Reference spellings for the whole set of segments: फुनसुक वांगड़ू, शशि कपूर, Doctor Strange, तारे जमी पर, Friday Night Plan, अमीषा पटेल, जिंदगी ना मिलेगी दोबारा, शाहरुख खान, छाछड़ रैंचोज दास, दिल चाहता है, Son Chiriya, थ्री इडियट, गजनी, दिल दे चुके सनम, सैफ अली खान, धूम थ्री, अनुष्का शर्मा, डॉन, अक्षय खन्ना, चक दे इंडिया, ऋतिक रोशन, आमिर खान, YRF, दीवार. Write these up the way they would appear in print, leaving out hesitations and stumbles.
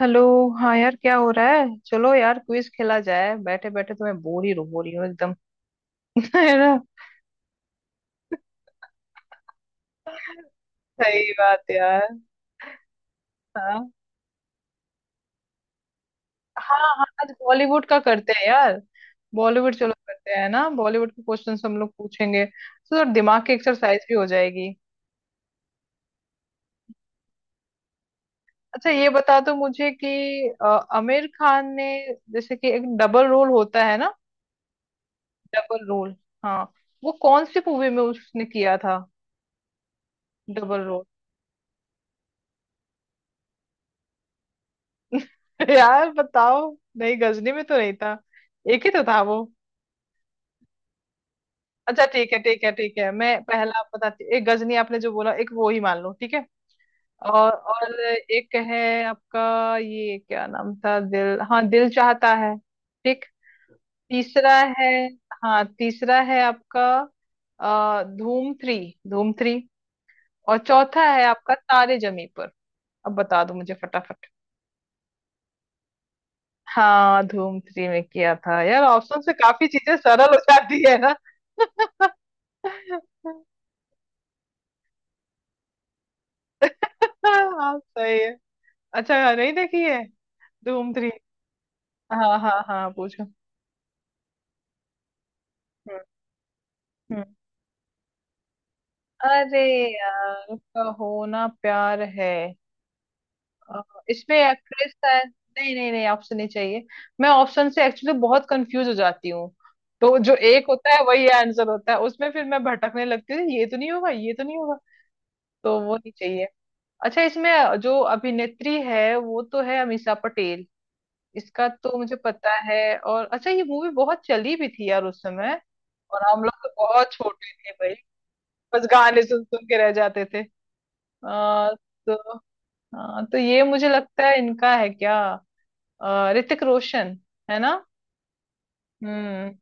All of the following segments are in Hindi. हेलो। हाँ यार, क्या हो रहा है। चलो यार, क्विज खेला जाए, बैठे बैठे तो मैं बोर ही हो रही हूँ एकदम। है ना। सही बात यार। हाँ हाँ हाँ, आज बॉलीवुड का करते हैं यार। बॉलीवुड चलो करते हैं ना। बॉलीवुड के क्वेश्चन हम लोग पूछेंगे तो थोड़ा दिमाग की एक्सरसाइज भी हो जाएगी। अच्छा, ये बता दो मुझे कि आमिर खान ने, जैसे कि एक डबल रोल होता है ना, डबल रोल, हाँ, वो कौन सी मूवी में उसने किया था डबल रोल। यार बताओ। नहीं, गजनी में तो नहीं था। एक ही तो था वो। अच्छा ठीक है ठीक है ठीक है, मैं पहला आप बताती एक गजनी आपने जो बोला एक वो ही मान लो ठीक है। और एक है आपका, ये क्या नाम था दिल, हाँ, दिल चाहता है। ठीक। तीसरा है। हाँ, तीसरा है आपका धूम थ्री, धूम थ्री। और चौथा है आपका तारे जमी पर। अब बता दो मुझे फटाफट। हाँ, धूम थ्री में किया था यार, ऑप्शन से काफी चीजें सरल हो जाती है। हाँ, सही है। अच्छा, नहीं देखी है धूम थ्री। हाँ हाँ हाँ, पूछो। हम्म। हम्म। अरे यार, कहो ना प्यार है। अ, इसमें एक्ट्रेस है, नहीं नहीं नहीं, ऑप्शन नहीं चाहिए। मैं ऑप्शन से एक्चुअली बहुत कंफ्यूज हो जाती हूँ। तो जो एक होता है वही आंसर होता है उसमें फिर मैं भटकने लगती हूँ, ये तो नहीं होगा ये तो नहीं होगा, तो वो नहीं चाहिए। अच्छा, इसमें जो अभिनेत्री है वो तो है अमीषा पटेल, इसका तो मुझे पता है। और अच्छा, ये मूवी बहुत चली भी थी यार उस समय। और हम लोग तो बहुत छोटे थे भाई, बस गाने सुन सुन के रह जाते थे। आ, तो तो ये मुझे लगता है इनका है क्या, ऋतिक रोशन। है ना। हम्म।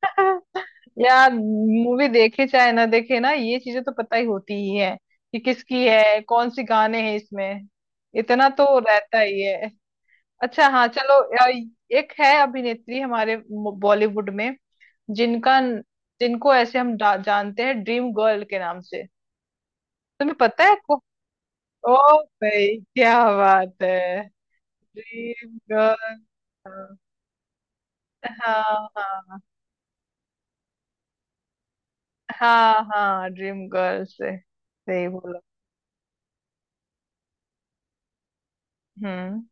यार, मूवी देखे चाहे ना देखे ना, ये चीजें तो पता ही होती ही है कि किसकी है, कौन सी गाने हैं इसमें। इतना तो रहता ही है। अच्छा हाँ चलो, एक है अभिनेत्री हमारे बॉलीवुड में, जिनका जिनको ऐसे हम जानते हैं ड्रीम गर्ल के नाम से। तुम्हें पता है को। ओ भाई, क्या बात है। Dream girl. हाँ हाँ हाँ हाँ, ड्रीम गर्ल से सही बोला। हम्म।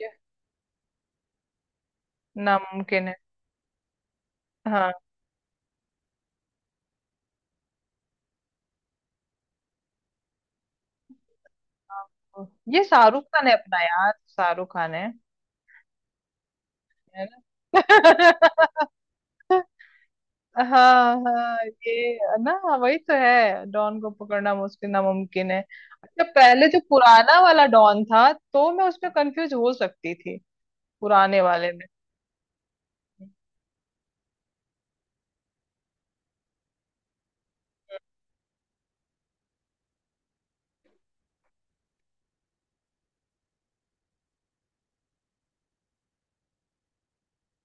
ये नामुमकिन है। हाँ हाँ। ये शाहरुख खान है, अपना यार शाहरुख खान है। है ना? हाँ हाँ। ये ना, वही तो है, डॉन को पकड़ना मुश्किल, नामुमकिन है। अच्छा, पहले जो पुराना वाला डॉन था तो मैं उसमें कंफ्यूज हो सकती थी, पुराने वाले में।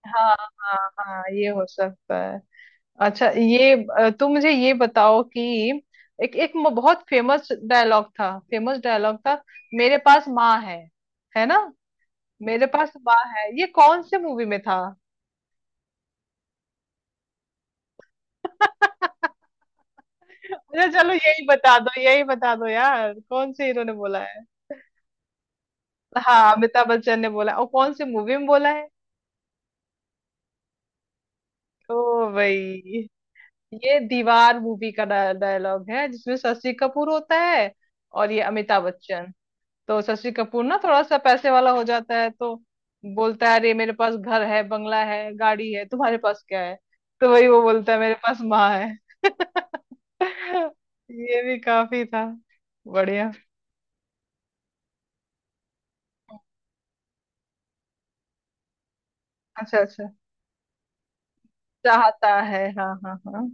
हाँ हाँ हाँ, ये हो सकता है। अच्छा ये, तुम मुझे ये बताओ कि एक एक बहुत फेमस डायलॉग था, फेमस डायलॉग था, मेरे पास माँ है ना, मेरे पास माँ है, ये कौन से मूवी में था। अच्छा चलो, यही बता दो यार, कौन से हीरो ने बोला है। हाँ, अमिताभ बच्चन ने बोला, और कौन सी मूवी में बोला है। ओ भाई। ये दीवार मूवी का डायलॉग है जिसमें शशि कपूर होता है और ये अमिताभ बच्चन। तो शशि कपूर ना थोड़ा सा पैसे वाला हो जाता है, तो बोलता है, अरे मेरे पास घर है बंगला है गाड़ी है तुम्हारे पास क्या है, तो वही वो बोलता है, मेरे पास माँ है। ये भी काफी था। बढ़िया। अच्छा अच्छा, चाहता है, हाँ हाँ हाँ।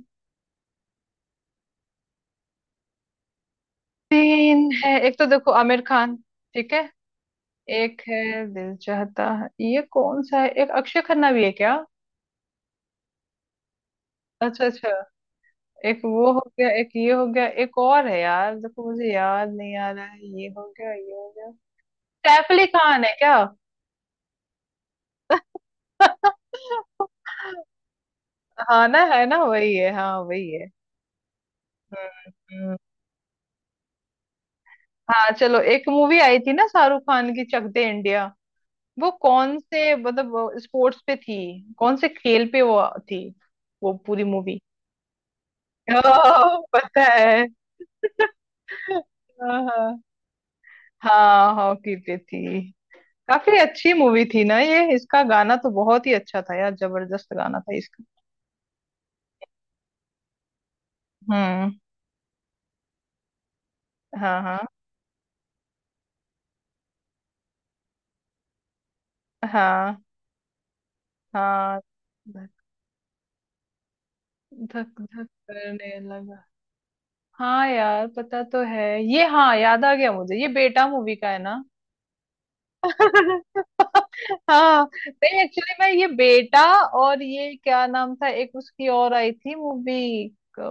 तीन है, एक तो देखो आमिर खान, ठीक है। एक है दिल चाहता है, ये कौन सा है, एक अक्षय खन्ना भी है क्या। अच्छा अच्छा, एक वो हो गया एक ये हो गया, एक और है यार, देखो मुझे याद नहीं आ रहा है, ये हो गया ये हो गया, सैफ अली खान है क्या। हाँ ना, है ना वही है। हाँ वही है। हम्म। हम्म। हाँ चलो, एक मूवी आई थी ना शाहरुख खान की, चक दे इंडिया, वो कौन से मतलब स्पोर्ट्स पे थी, कौन से खेल पे वो थी वो पूरी मूवी। ओह, पता है। हाँ हाँ, हाँ हॉकी पे थी। काफी अच्छी मूवी थी ना ये, इसका गाना तो बहुत ही अच्छा था यार, जबरदस्त गाना था इसका। हम्म। हाँ। हाँ हाँ हाँ, धक धक धक करने लगा। हाँ यार, पता तो है, ये, हाँ, याद आ गया मुझे, ये बेटा मूवी का है ना। हाँ, नहीं, एक्चुअली मैं ये बेटा, और ये क्या नाम था एक उसकी और आई थी मूवी,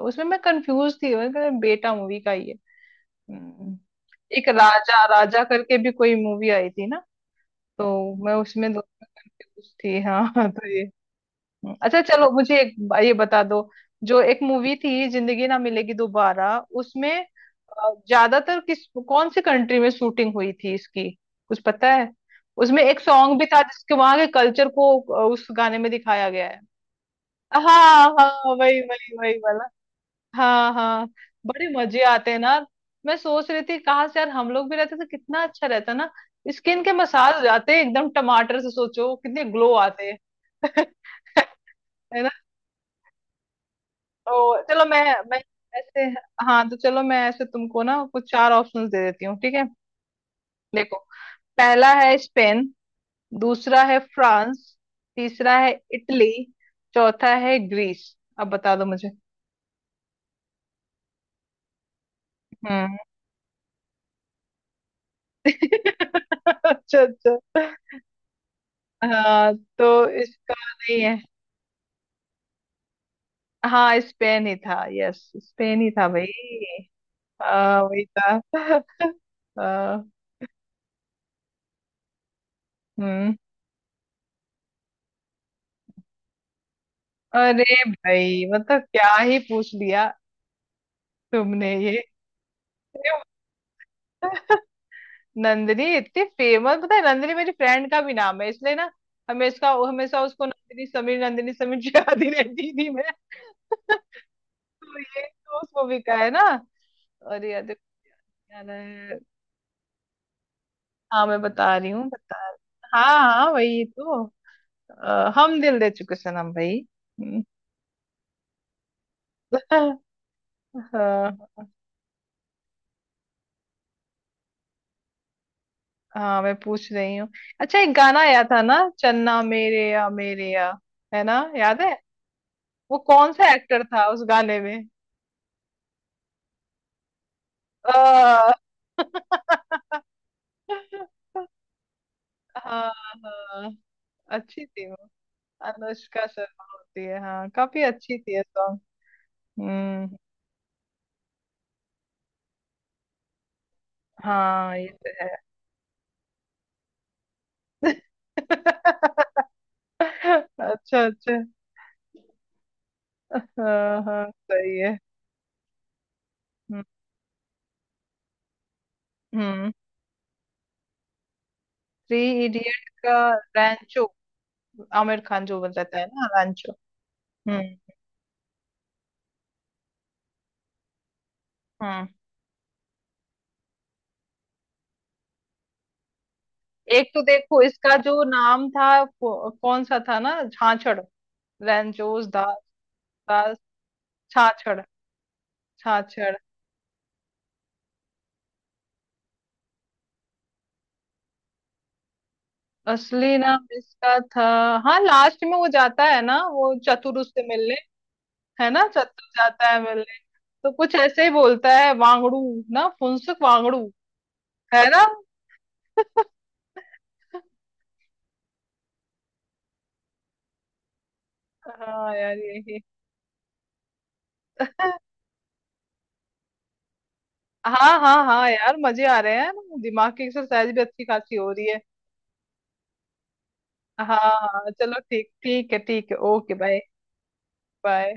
उसमें मैं कंफ्यूज थी, मैंने कहा, बेटा मूवी का ये। हम्म। एक राजा राजा करके भी कोई मूवी आई थी ना, तो मैं उसमें दो थी हाँ। तो ये। हम्म। अच्छा चलो, मुझे एक ये बता दो, जो एक मूवी थी जिंदगी ना मिलेगी दोबारा, उसमें ज्यादातर किस कौन सी कंट्री में शूटिंग हुई थी इसकी, कुछ पता है। उसमें एक सॉन्ग भी था जिसके वहां के कल्चर को उस गाने में दिखाया गया है। हाँ हाँ, वही वही वही वाला। हाँ हाँ, बड़े मजे आते हैं ना। मैं सोच रही थी कहाँ से यार, हम लोग भी रहते तो कितना अच्छा रहता ना, स्किन के मसाज जाते हैं एकदम टमाटर से, सोचो कितने ग्लो आते हैं। है ना। तो चलो, मैं ऐसे, हाँ तो चलो मैं ऐसे तुमको ना कुछ चार ऑप्शंस दे देती हूँ ठीक है। देखो, पहला है स्पेन, दूसरा है फ्रांस, तीसरा है इटली, चौथा है ग्रीस, अब बता दो मुझे। हम्म। अच्छा अच्छा, हाँ तो इसका नहीं है। हाँ स्पेन ही था, यस स्पेन ही था भाई। हाँ वही था। हाँ। हम्म। अरे भाई, मतलब क्या ही पूछ लिया तुमने ये। नंदनी इतनी फेमस, पता है, नंदनी मेरी फ्रेंड का भी नाम है इसलिए ना, हमेशा हमेशा उसको नंदनी समीर याद ही रहती थी मैं। तो ये तो उसको भी का है ना। अरे यार देखो, यार है। हाँ मैं बता रही हूँ बता, हाँ हाँ वही तो, हम दिल दे चुके सनम भाई। हाँ। हाँ, मैं पूछ रही हूँ। अच्छा, एक गाना आया था ना, चन्ना मेरे या मेरे या, है ना, याद है, वो कौन सा एक्टर था उस गाने में। अ, हाँ हाँ, अच्छी थी वो, अनुष्का शर्मा होती है, हाँ काफी अच्छी थी ये सॉन्ग। हम्म। हाँ, ये तो है। अच्छा अच्छा, हाँ हाँ सही है। हम्म। हम्म। थ्री इडियट का रैंचो, आमिर खान जो बन रहता है ना रैंचो। हम्म। हम्म। एक तो देखो इसका जो नाम था, कौन सा था ना, छाछड़, रैंचोज दास, दास छाछड़ छाछड़। असली नाम इसका था, हाँ लास्ट में वो जाता है ना वो चतुर उससे मिलने, है ना चतुर जाता है मिलने, तो कुछ ऐसे ही बोलता है वांगड़ू ना, फुनसुक वांगड़ू, है ना। हाँ यार यही। हाँ हाँ हाँ यार, मजे आ रहे हैं ना, दिमाग की एक्सरसाइज भी अच्छी खासी हो रही है। हाँ हाँ चलो ठीक, ठीक है ठीक है, ओके बाय। बाय।